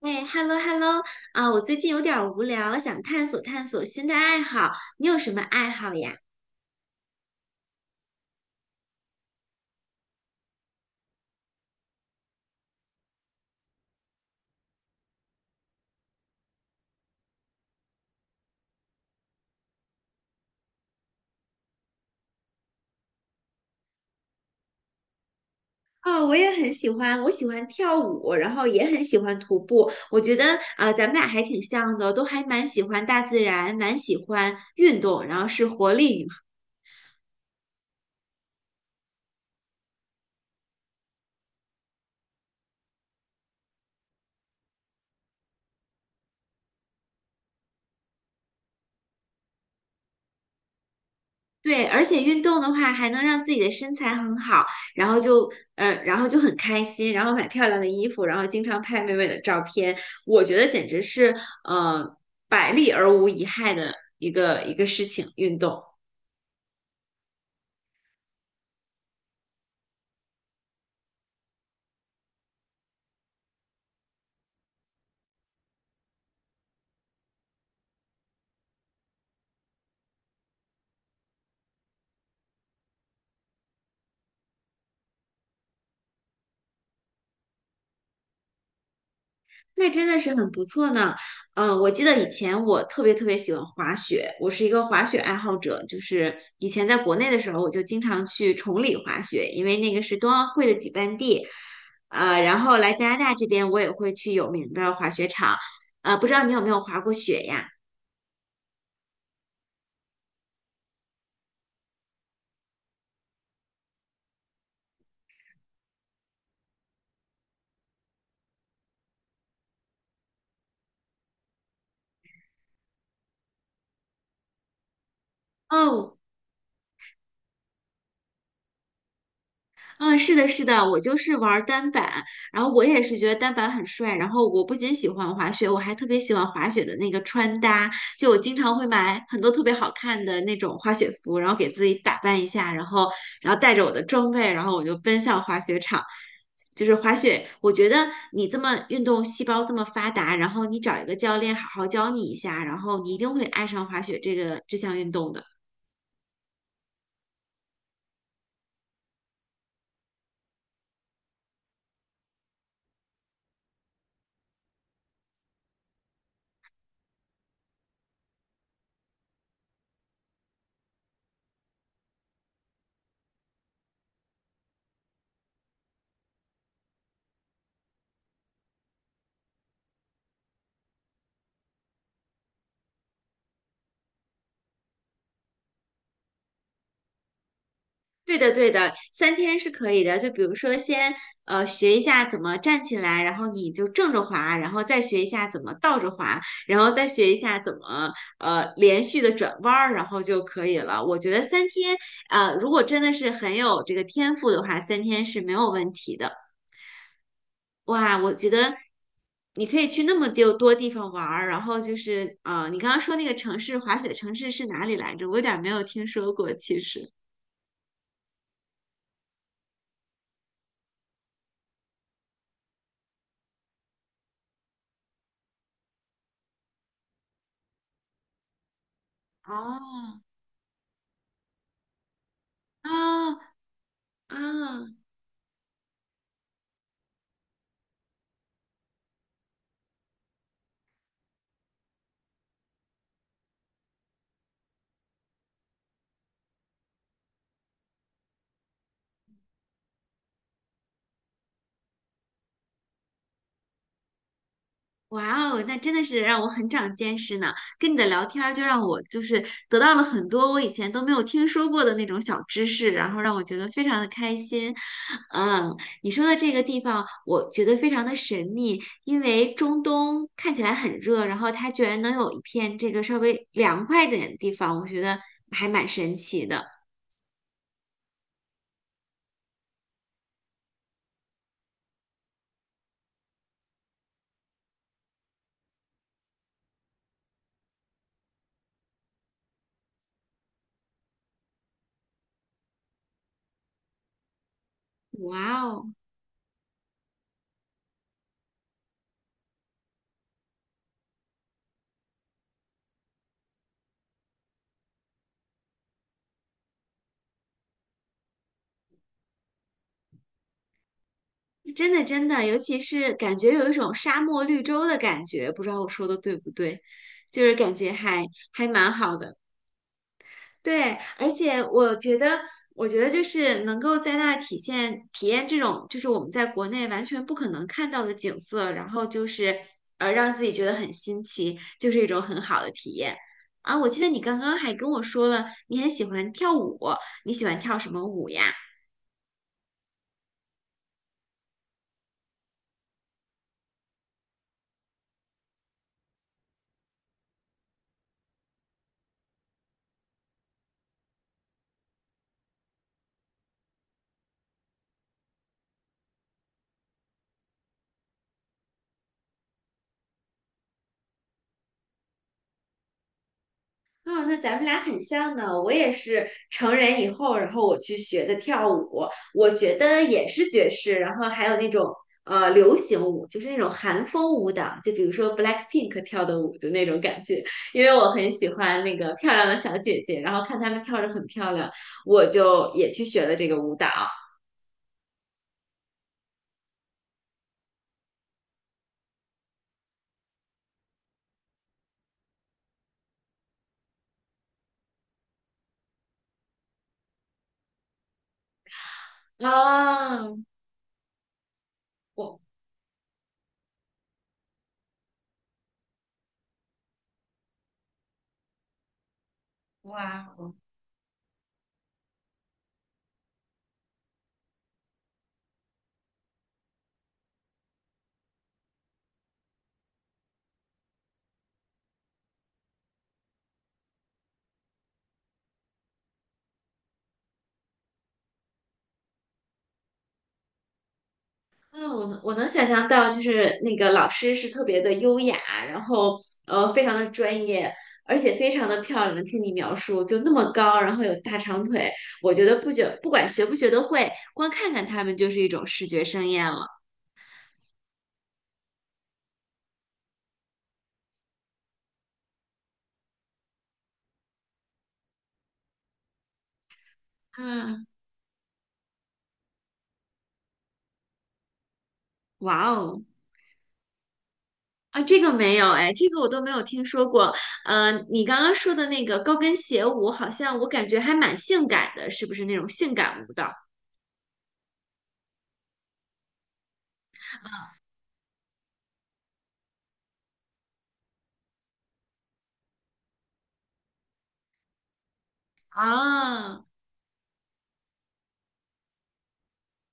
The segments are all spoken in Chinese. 哎，hello hello，啊，我最近有点儿无聊，想探索探索新的爱好。你有什么爱好呀？哦，我也很喜欢，我喜欢跳舞，然后也很喜欢徒步。我觉得啊，咱们俩还挺像的，都还蛮喜欢大自然，蛮喜欢运动，然后是活力对，而且运动的话还能让自己的身材很好，然后就然后就很开心，然后买漂亮的衣服，然后经常拍美美的照片，我觉得简直是呃百利而无一害的一个事情，运动。那真的是很不错呢。嗯，我记得以前我特别特别喜欢滑雪，我是一个滑雪爱好者。就是以前在国内的时候，我就经常去崇礼滑雪，因为那个是冬奥会的举办地。然后来加拿大这边，我也会去有名的滑雪场。啊，不知道你有没有滑过雪呀？哦，嗯，是的，是的，我就是玩儿单板，然后我也是觉得单板很帅。然后我不仅喜欢滑雪，我还特别喜欢滑雪的那个穿搭，就我经常会买很多特别好看的那种滑雪服，然后给自己打扮一下，然后然后带着我的装备，然后我就奔向滑雪场。就是滑雪，我觉得你这么运动细胞这么发达，然后你找一个教练好好教你一下，然后你一定会爱上滑雪这项运动的。对的，对的，3天是可以的。就比如说先，学一下怎么站起来，然后你就正着滑，然后再学一下怎么倒着滑，然后再学一下怎么连续的转弯儿，然后就可以了。我觉得三天，呃，如果真的是很有这个天赋的话，三天是没有问题的。哇，我觉得你可以去那么多地方玩儿，然后就是你刚刚说那个城市滑雪城市是哪里来着？我有点儿没有听说过，其实。哦，啊，啊，哇哦，那真的是让我很长见识呢。跟你的聊天儿就让我就是得到了很多我以前都没有听说过的那种小知识，然后让我觉得非常的开心。嗯，你说的这个地方，我觉得非常的神秘，因为中东看起来很热，然后它居然能有一片这个稍微凉快一点的地方，我觉得还蛮神奇的。哇哦！真的真的，尤其是感觉有一种沙漠绿洲的感觉，不知道我说的对不对，就是感觉还还蛮好的。对，而且我觉得，我觉得就是能够在那儿体现体验这种，就是我们在国内完全不可能看到的景色，然后就是让自己觉得很新奇，就是一种很好的体验。啊，我记得你刚刚还跟我说了，你很喜欢跳舞，你喜欢跳什么舞呀？啊、那咱们俩很像呢。我也是成人以后，然后我去学的跳舞，我学的也是爵士，然后还有那种流行舞，就是那种韩风舞蹈，就比如说 BLACKPINK 跳的舞的那种感觉。因为我很喜欢那个漂亮的小姐姐，然后看她们跳着很漂亮，我就也去学了这个舞蹈啊。我哇，嗯，我能想象到，就是那个老师是特别的优雅，然后非常的专业，而且非常的漂亮。听你描述，就那么高，然后有大长腿，我觉得不管学不学得会，光看看他们就是一种视觉盛宴了。嗯，哇哦，啊，这个没有哎，这个我都没有听说过。嗯、你刚刚说的那个高跟鞋舞，好像我感觉还蛮性感的，是不是那种性感舞蹈啊？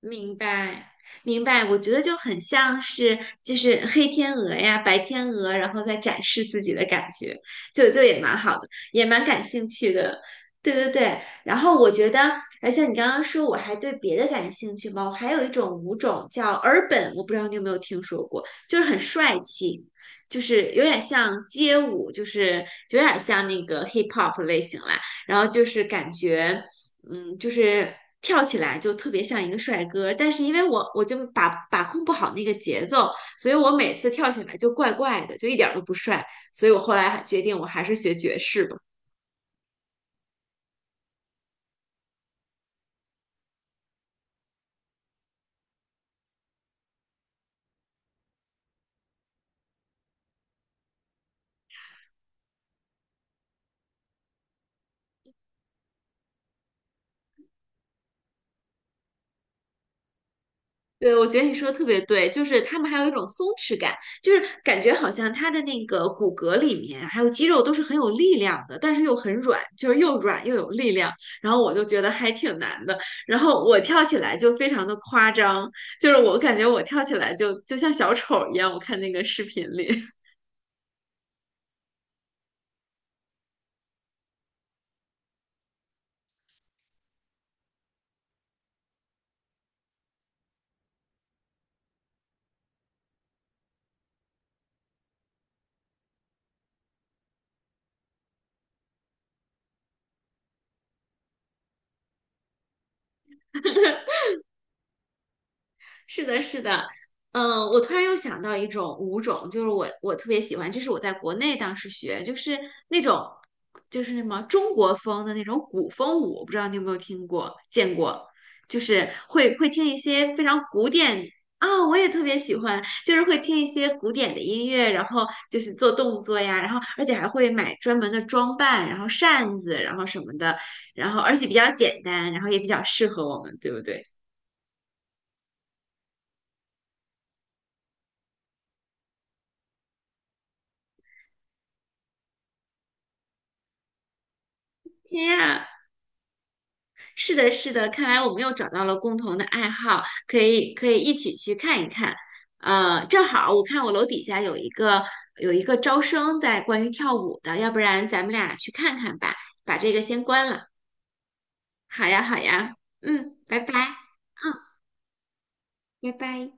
明白，明白，我觉得就很像是就是黑天鹅呀、白天鹅，然后再展示自己的感觉，就也蛮好的，也蛮感兴趣的。对对对，然后我觉得，而且你刚刚说我还对别的感兴趣吗？我还有一种舞种叫尔本，我不知道你有没有听说过，就是很帅气，就是有点像街舞，就是有点像那个 hip hop 类型啦。然后就是感觉，嗯，就是跳起来就特别像一个帅哥，但是因为我就把控不好那个节奏，所以我每次跳起来就怪怪的，就一点儿都不帅，所以我后来还决定我还是学爵士吧。对，我觉得你说的特别对，就是他们还有一种松弛感，就是感觉好像他的那个骨骼里面还有肌肉都是很有力量的，但是又很软，就是又软又有力量。然后我就觉得还挺难的，然后我跳起来就非常的夸张，就是我感觉我跳起来就像小丑一样，我看那个视频里。是的，是的，嗯，我突然又想到一种舞种，就是我特别喜欢，这是我在国内当时学，就是那种就是什么中国风的那种古风舞，我不知道你有没有听过见过，就是会听一些非常古典啊，我也特别喜欢，就是会听一些古典的音乐，然后就是做动作呀，然后而且还会买专门的装扮，然后扇子，然后什么的，然后而且比较简单，然后也比较适合我们，对不对？天啊！是的，是的，看来我们又找到了共同的爱好，可以一起去看一看。呃，正好我看我楼底下有一个招生在关于跳舞的，要不然咱们俩去看看吧，把这个先关了。好呀，好呀，嗯，拜拜，嗯，拜拜。